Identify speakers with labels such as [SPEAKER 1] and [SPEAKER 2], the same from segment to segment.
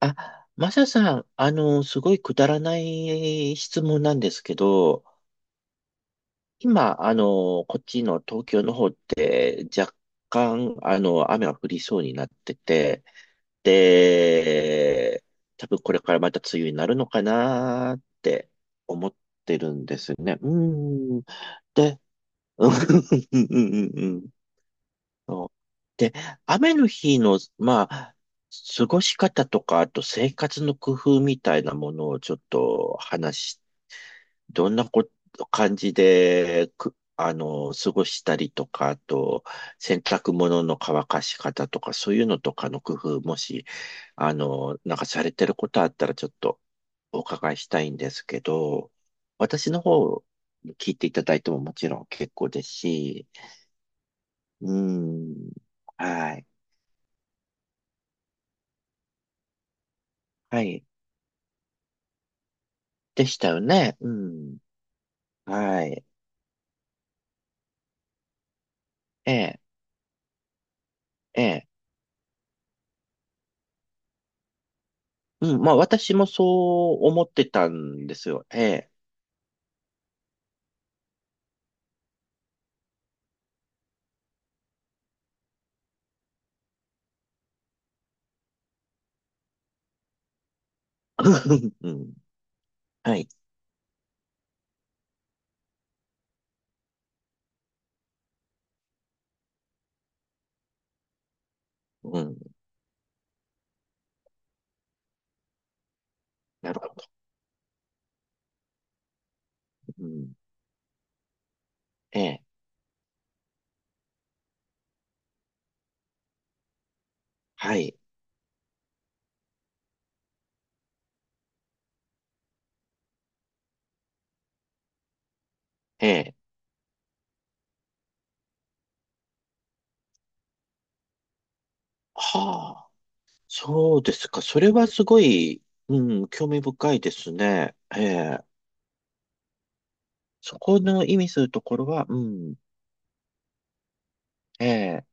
[SPEAKER 1] マサさん、すごいくだらない質問なんですけど、今、こっちの東京の方って若干、雨が降りそうになってて、で、多分これからまた梅雨になるのかなって思ってるんですね。うん。で、うん、うん、うん、うん。そうで、雨の日の、まあ、過ごし方とか、あと生活の工夫みたいなものをちょっと話し、どんなこ、感じで、く、過ごしたりとか、あと、洗濯物の乾かし方とか、そういうのとかの工夫、もし、なんかされてることあったら、ちょっとお伺いしたいんですけど、私の方、聞いていただいてももちろん結構ですし、うん、はい。はい。でしたよね。うん。はい。ええ、ええ。うん。まあ、私もそう思ってたんですよ。ええ。うん。はい。うん。なるほど。うん。ええ。はい。ええ。はあ。そうですか。それはすごい、うん、興味深いですね。ええ。そこの意味するところは、うん。ええ。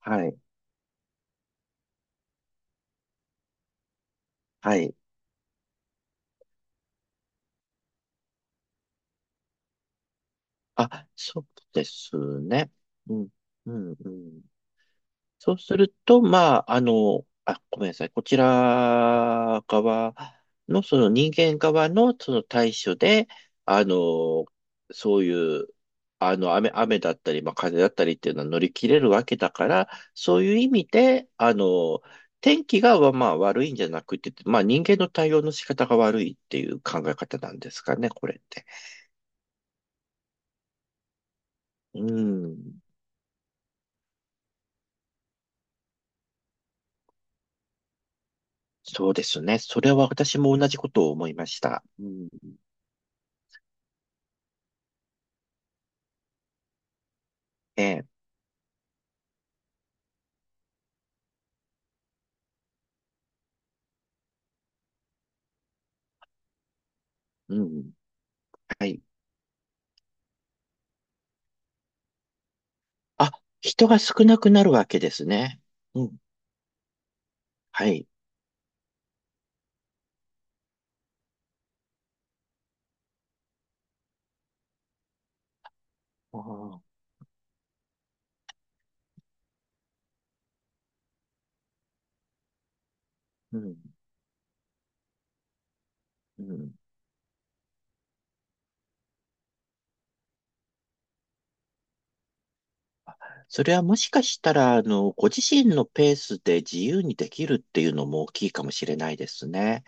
[SPEAKER 1] はい。はい。あ、そうですね。うん。うん。うん。そうすると、まあ、あ、ごめんなさい。こちら側の、その人間側のその対処で、あの、そういう、雨だったり、まあ、風だったりっていうのは乗り切れるわけだから、そういう意味で、天気が、まあ、悪いんじゃなくて、まあ、人間の対応の仕方が悪いっていう考え方なんですかね、これって。うん。そうですね。それは私も同じことを思いました。うん。ええ。うん。はい。あ、人が少なくなるわけですね。うん。はい。ああ、うん。うん。それはもしかしたら、ご自身のペースで自由にできるっていうのも大きいかもしれないですね。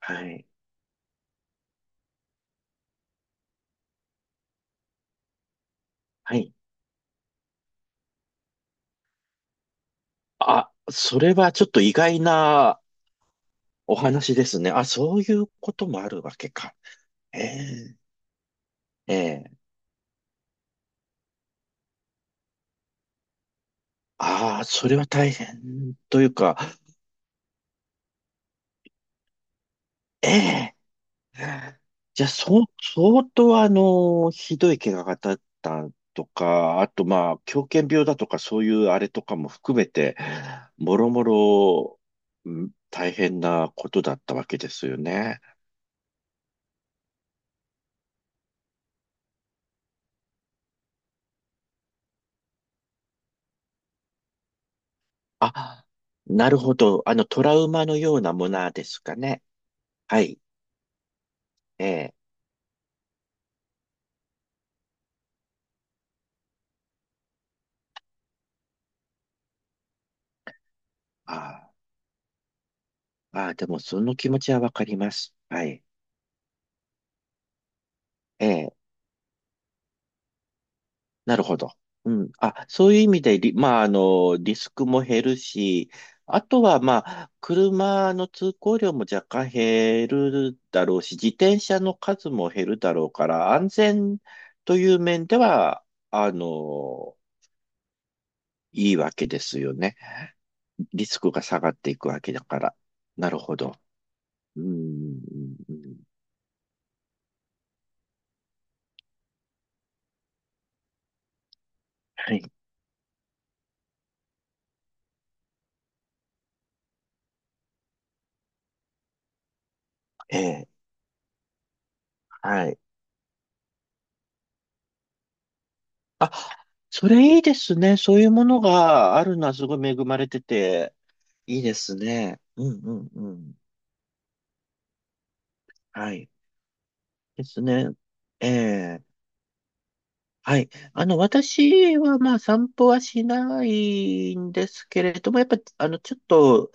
[SPEAKER 1] はい。はい。あ、それはちょっと意外なお話ですね。あ、そういうこともあるわけか。ええええああ、それは大変というか、ええじゃあ、そう、相当ひどい怪我がだったとか、あとまあ、狂犬病だとか、そういうあれとかも含めて、もろもろ、うん大変なことだったわけですよね。あ、なるほど。トラウマのようなものですかね。はい。ええ。ああ、ああでもその気持ちはわかります。はい。ええ。なるほど。うん。あ、そういう意味でリ、まあ、リスクも減るし、あとは、まあ、車の通行量も若干減るだろうし、自転車の数も減るだろうから、安全という面では、あの、いいわけですよね。リスクが下がっていくわけだから。なるほど。うん。うんうんはい。ええ、はい。あ、それいいですね。そういうものがあるのはすごい恵まれてて、いいですね。うんうんうん。はい。ですね。ええ。はい。私はまあ散歩はしないんですけれども、やっぱ、ちょっと、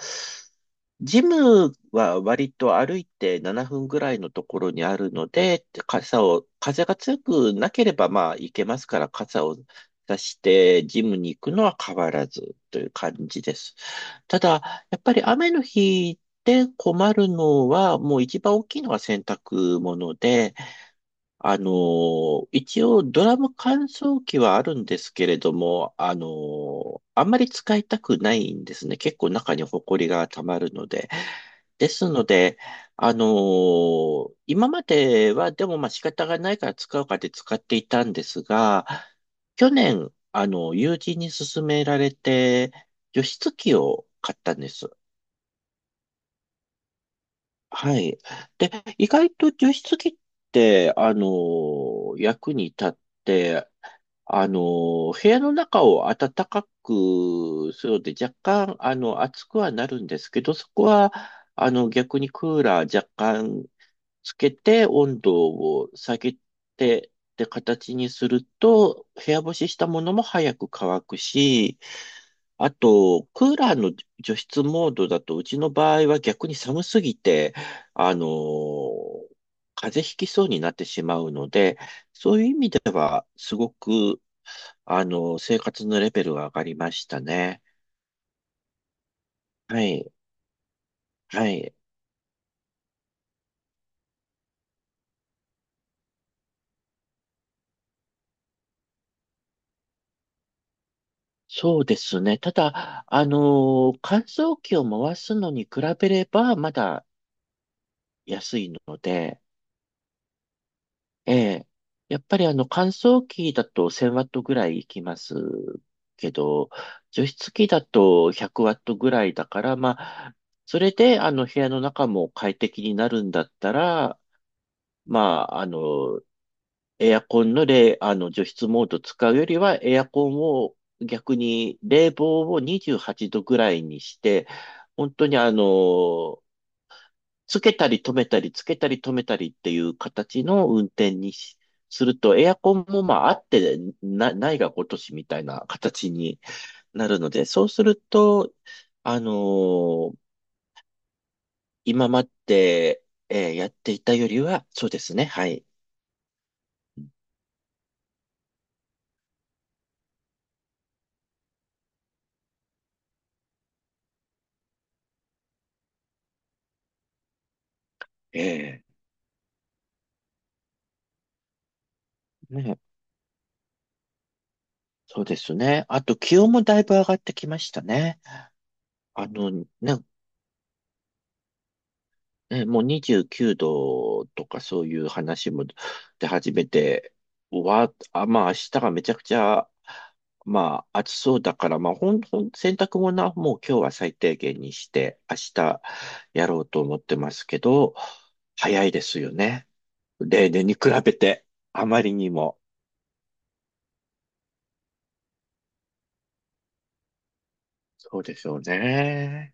[SPEAKER 1] ジムは割と歩いて7分ぐらいのところにあるので、傘を、風が強くなければまあ行けますから、傘を出してジムに行くのは変わらずという感じです。ただ、やっぱり雨の日で困るのは、もう一番大きいのは洗濯物で、一応ドラム乾燥機はあるんですけれども、あんまり使いたくないんですね。結構中にホコリが溜まるので。ですので、今まではでもまあ仕方がないから使うかで使っていたんですが、去年、友人に勧められて、除湿機を買ったんです。はい。で、意外と除湿機って、役に立って、部屋の中を暖かくするので、若干、暑くはなるんですけど、そこは、逆にクーラー若干つけて、温度を下げて、って形にすると、部屋干ししたものも早く乾くし、あと、クーラーの除湿モードだと、うちの場合は逆に寒すぎて、あのー風邪ひきそうになってしまうので、そういう意味では、すごく、生活のレベルが上がりましたね。はい、はい。そうですね。ただ、乾燥機を回すのに比べれば、まだ安いので、ええ。やっぱりあの乾燥機だと1,000ワットぐらいいきますけど、除湿機だと100ワットぐらいだから、まあ、それであの部屋の中も快適になるんだったら、まあ、エアコンの冷、あの除湿モード使うよりは、エアコンを逆に冷房を28度ぐらいにして、本当につけたり止めたりっていう形の運転にしすると、エアコンもまああってな、ないがごとしみたいな形になるので、そうすると、あのー今まで、やっていたよりは、そうですね、はい。えね、そうですね。あと気温もだいぶ上がってきましたね。ね、ね、もう29度とかそういう話も出始めて、わ、あ、まあ明日がめちゃくちゃ、まあ暑そうだから、まあほん、ほん、洗濯物はもう今日は最低限にして、明日やろうと思ってますけど、早いですよね。例年に比べて、あまりにも。そうでしょうね。